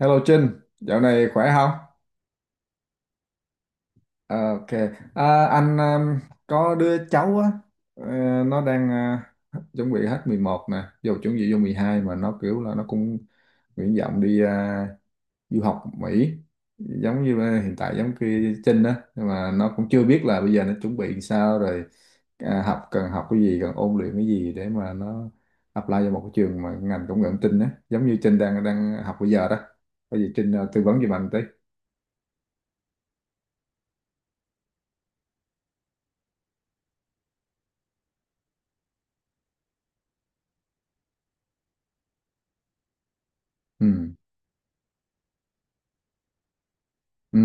Hello Trinh, dạo này khỏe không? Ờ, Ok, anh có đứa cháu á, ờ, nó đang chuẩn bị hết 11 nè, vô chuẩn bị vô 12 mà nó kiểu là nó cũng nguyện vọng đi à, du học Mỹ, giống như là hiện tại giống kia Trinh á, nhưng mà nó cũng chưa biết là bây giờ nó chuẩn bị sao rồi à, học cần học cái gì, cần ôn luyện cái gì để mà nó apply vào một cái trường mà ngành công nghệ thông tin á, giống như Trinh đang đang học bây giờ đó, có gì Trinh à, tư vấn giùm anh tí. Ừ. Ừ.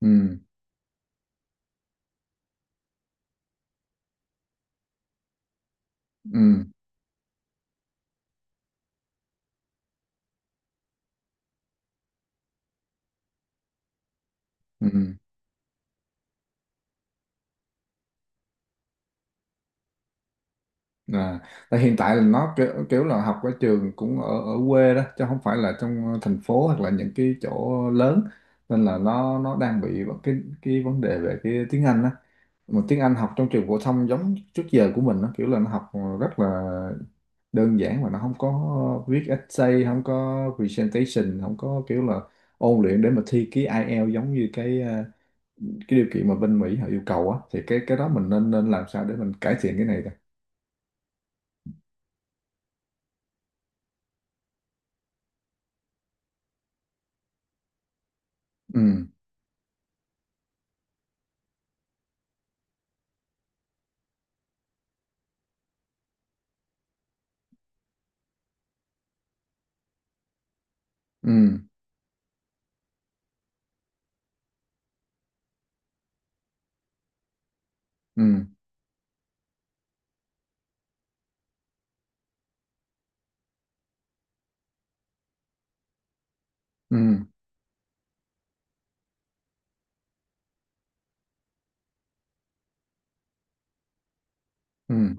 Ừ. Ừ. Ừ. À, tại hiện tại là nó kiểu là học ở trường cũng ở ở quê đó chứ không phải là trong thành phố hoặc là những cái chỗ lớn, nên là nó đang bị cái vấn đề về cái tiếng Anh đó, mà tiếng Anh học trong trường phổ thông giống trước giờ của mình nó kiểu là nó học rất là đơn giản, mà nó không có viết essay, không có presentation, không có kiểu là ôn luyện để mà thi cái IELTS giống như cái à, cái điều kiện mà bên Mỹ họ yêu cầu á, thì cái đó mình nên nên làm sao để mình cải thiện cái này ta. Ừ. Ừ. Ừ. Ừ. Ừ.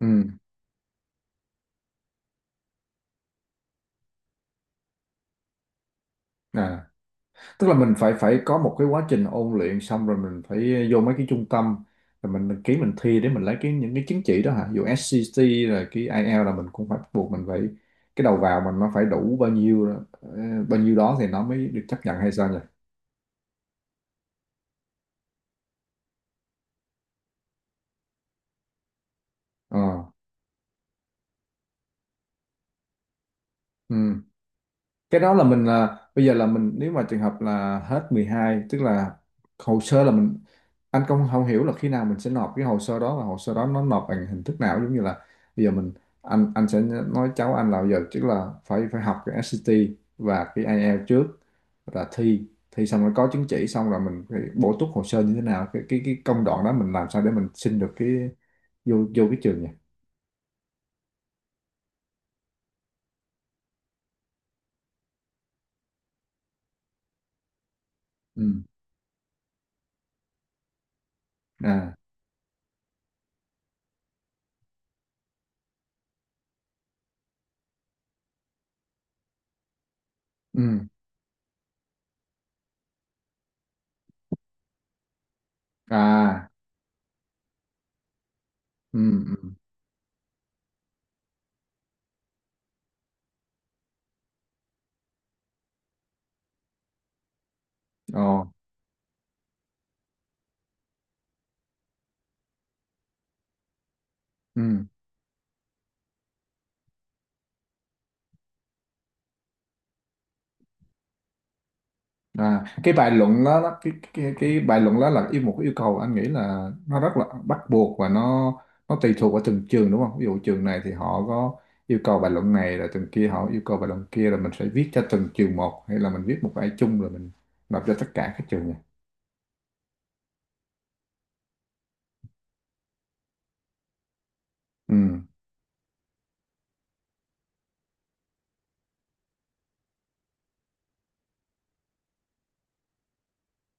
Ừ. À, tức là mình phải phải có một cái quá trình ôn luyện xong rồi mình phải vô mấy cái trung tâm, rồi mình ký mình thi để mình lấy cái những cái chứng chỉ đó hả dù SCT, rồi cái IELTS là mình cũng phải buộc mình phải cái đầu vào mình nó phải đủ bao nhiêu đó- bao nhiêu đó thì nó mới được chấp nhận hay sao nhỉ. Ờ. Ừ. Cái đó là mình là bây giờ là mình nếu mà trường hợp là hết 12 tức là hồ sơ là mình, anh không không hiểu là khi nào mình sẽ nộp cái hồ sơ đó và hồ sơ đó nó nộp bằng hình thức nào, giống như là bây giờ mình, anh sẽ nói cháu anh là bây giờ tức là phải phải học cái SAT và cái IELTS trước, rồi là thi thi xong rồi có chứng chỉ xong rồi mình phải bổ túc hồ sơ như thế nào, cái cái công đoạn đó mình làm sao để mình xin được cái vô vô cái trường nhỉ. Ừ. À. Ừ. À. Ừ. Ừ. Ồ. Ừ. À, cái bài luận đó, đó cái, cái bài luận đó là yêu một cái yêu cầu anh nghĩ là nó rất là bắt buộc và nó tùy thuộc vào từng trường đúng không? Ví dụ trường này thì họ có yêu cầu bài luận này, là trường kia họ yêu cầu bài luận kia, là mình sẽ viết cho từng trường một hay là mình viết một bài chung rồi mình nộp cho tất cả các trường này. Ừ.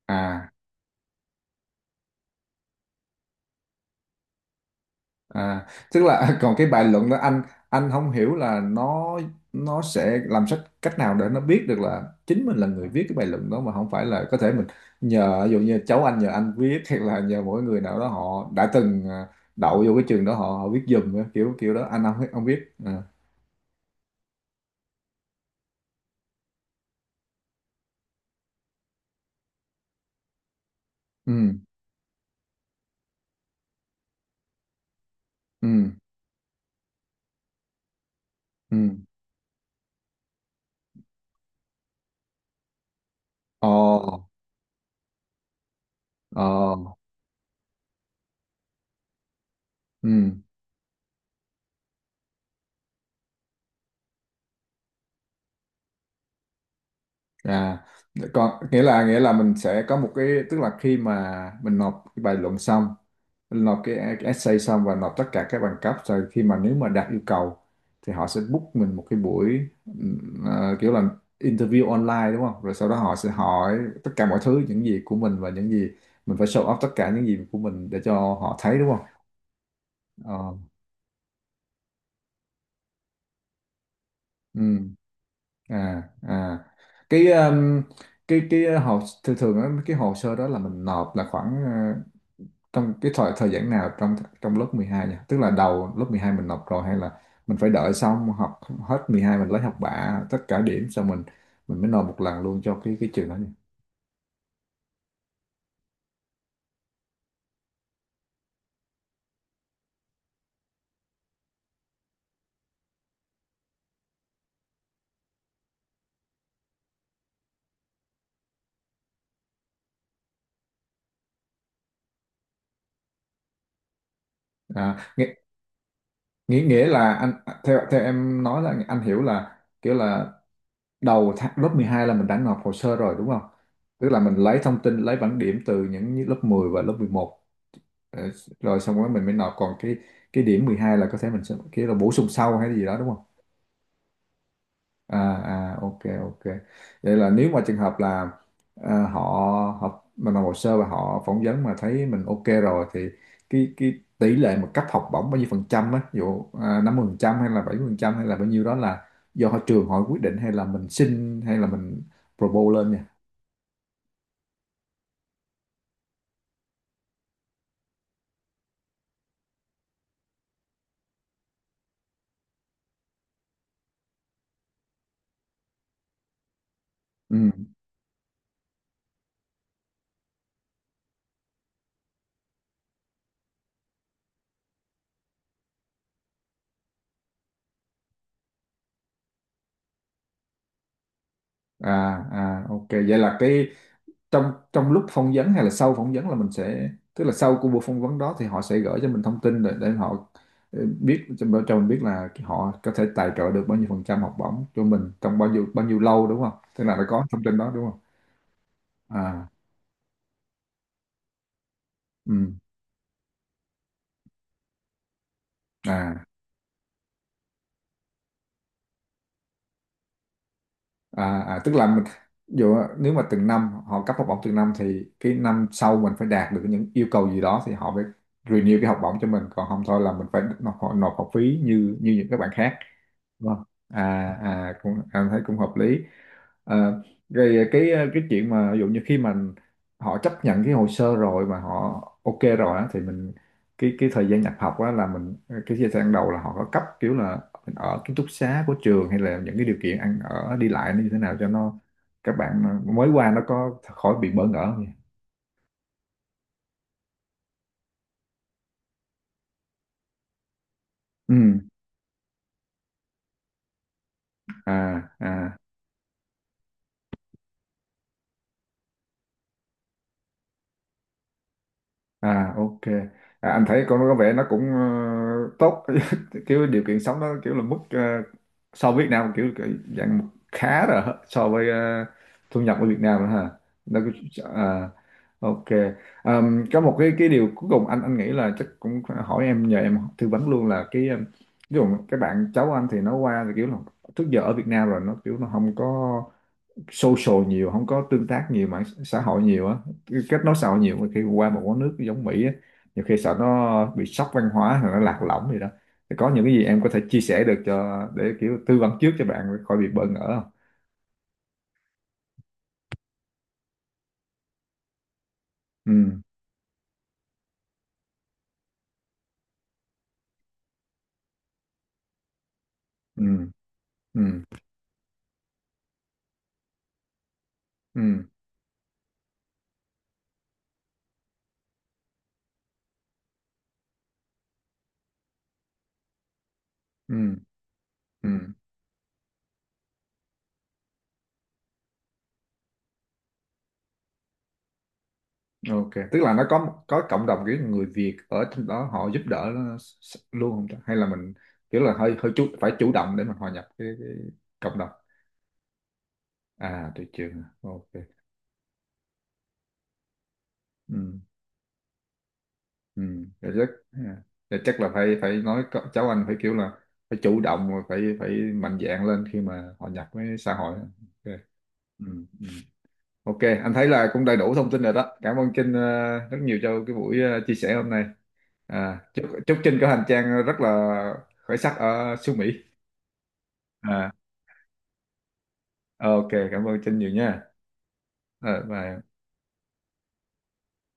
À. À, tức là còn cái bài luận đó, anh không hiểu là nó sẽ làm sách cách nào để nó biết được là chính mình là người viết cái bài luận đó, mà không phải là có thể mình nhờ, ví dụ như cháu anh nhờ anh viết, hay là nhờ mỗi người nào đó họ đã từng à, đậu vô cái trường đó họ họ viết giùm á, kiểu kiểu đó anh không không biết à. Ừ. Ừ. Ừ. Ồ. Ồ. Ừ. À, còn nghĩa là mình sẽ có một cái, tức là khi mà mình nộp cái bài luận xong, mình nộp cái essay xong và nộp tất cả các bằng cấp, rồi khi mà nếu mà đạt yêu cầu thì họ sẽ book mình một cái buổi kiểu là interview online đúng không? Rồi sau đó họ sẽ hỏi tất cả mọi thứ những gì của mình, và những gì mình phải show off tất cả những gì của mình để cho họ thấy đúng không? Ờ. Ừm. À à, cái um, cái hồ thường thường á, cái hồ sơ đó là mình nộp là khoảng à, trong cái thời thời gian nào trong trong lớp 12 nhỉ? Tức là đầu lớp 12 mình nộp rồi, hay là mình phải đợi xong học hết 12 mình lấy học bạ tất cả điểm xong mình mới nộp một lần luôn cho cái trường đó nhỉ? À, nghĩa, nghĩa nghĩa là anh theo theo em nói là anh hiểu là kiểu là đầu tháng, lớp 12 là mình đã nộp hồ sơ rồi đúng không? Tức là mình lấy thông tin lấy bảng điểm từ những lớp 10 và lớp mười một, ờ, rồi xong rồi mình mới nộp, còn cái điểm 12 là có thể mình sẽ kiểu là bổ sung sau hay gì đó đúng. À. À, ok, ok, vậy là nếu mà trường hợp là à, họ họ mình làm hồ sơ và họ phỏng vấn mà thấy mình ok rồi thì cái tỷ lệ mà cấp học bổng bao nhiêu phần trăm á, ví dụ à, 50 phần trăm hay là 70 phần trăm hay là bao nhiêu đó, là do họ trường họ quyết định hay là mình xin hay là mình propose lên nha. Ừ. À. À, ok, vậy là cái trong trong lúc phỏng vấn hay là sau phỏng vấn là mình sẽ tức là sau của buổi phỏng vấn đó thì họ sẽ gửi cho mình thông tin để họ ờ, biết cho mình biết là họ có thể tài trợ được bao nhiêu phần trăm học bổng cho mình trong bao nhiêu lâu đúng không? Tức là đã có thông tin đó đúng không. À. Ừ. À. À, à tức là mình ví dụ nếu mà từng năm họ cấp học bổng từng năm thì cái năm sau mình phải đạt được những yêu cầu gì đó thì họ mới renew cái học bổng cho mình, còn không thôi là mình phải nộp nộp học phí như như những các bạn khác. Vâng. À, à cũng em thấy cũng hợp lý. À, rồi cái chuyện mà ví dụ như khi mà họ chấp nhận cái hồ sơ rồi mà họ ok rồi á, thì mình cái thời gian nhập học á là mình cái thời gian đầu là họ có cấp kiểu là mình ở ký túc xá của trường, hay là những cái điều kiện ăn ở đi lại nó như thế nào, cho nó các bạn mới qua nó có khỏi bị bỡ ngỡ không nhỉ? Ừ. À, à. À, ok. À, anh thấy con nó có vẻ nó cũng ờ, tốt. Kiểu điều kiện sống nó kiểu là mức ờ, so với Việt Nam kiểu dạng khá rồi hả? So với ờ, thu nhập ở Việt Nam nữa ha, nó cứ- à, ok. Có một cái điều cuối cùng anh nghĩ là chắc cũng hỏi em nhờ em tư vấn luôn là cái ví dụ các bạn cháu anh thì nó qua thì kiểu là trước giờ ở Việt Nam rồi nó kiểu nó không có social nhiều, không có tương tác nhiều mạng xã hội nhiều á, kết nối xã hội nhiều, mà khi qua một quán nước giống Mỹ á nhiều khi sợ nó bị sốc văn hóa hoặc nó lạc lõng gì đó, thì có những cái gì em có thể chia sẻ được cho để kiểu tư vấn trước cho bạn khỏi bị bỡ ngỡ không. Ừ. Ừ. Ừ. Ừ. Ừ. Ừ. Ok, tức là nó có cộng đồng kiểu người Việt ở trong đó họ giúp đỡ nó s- luôn không ta? Hay là mình kiểu là hơi hơi chút phải chủ động để mình hòa nhập cái cộng đồng. À tôi chưa, ok. Ừ. Ừ. Dạ chắc, dạ chắc là phải phải nói có- cháu anh phải kiểu là phải chủ động và phải phải mạnh dạn lên khi mà hòa nhập với xã hội. Ok. Ừ. Ừ. Ok, anh thấy là cũng đầy đủ thông tin rồi đó, cảm ơn Trinh ờ, rất nhiều cho cái buổi ờ, chia sẻ hôm nay. À, chúc chúc Trinh có hành trang rất là khởi sắc ở xứ Mỹ. À, ok, cảm ơn Trinh nhiều nha. À, bye.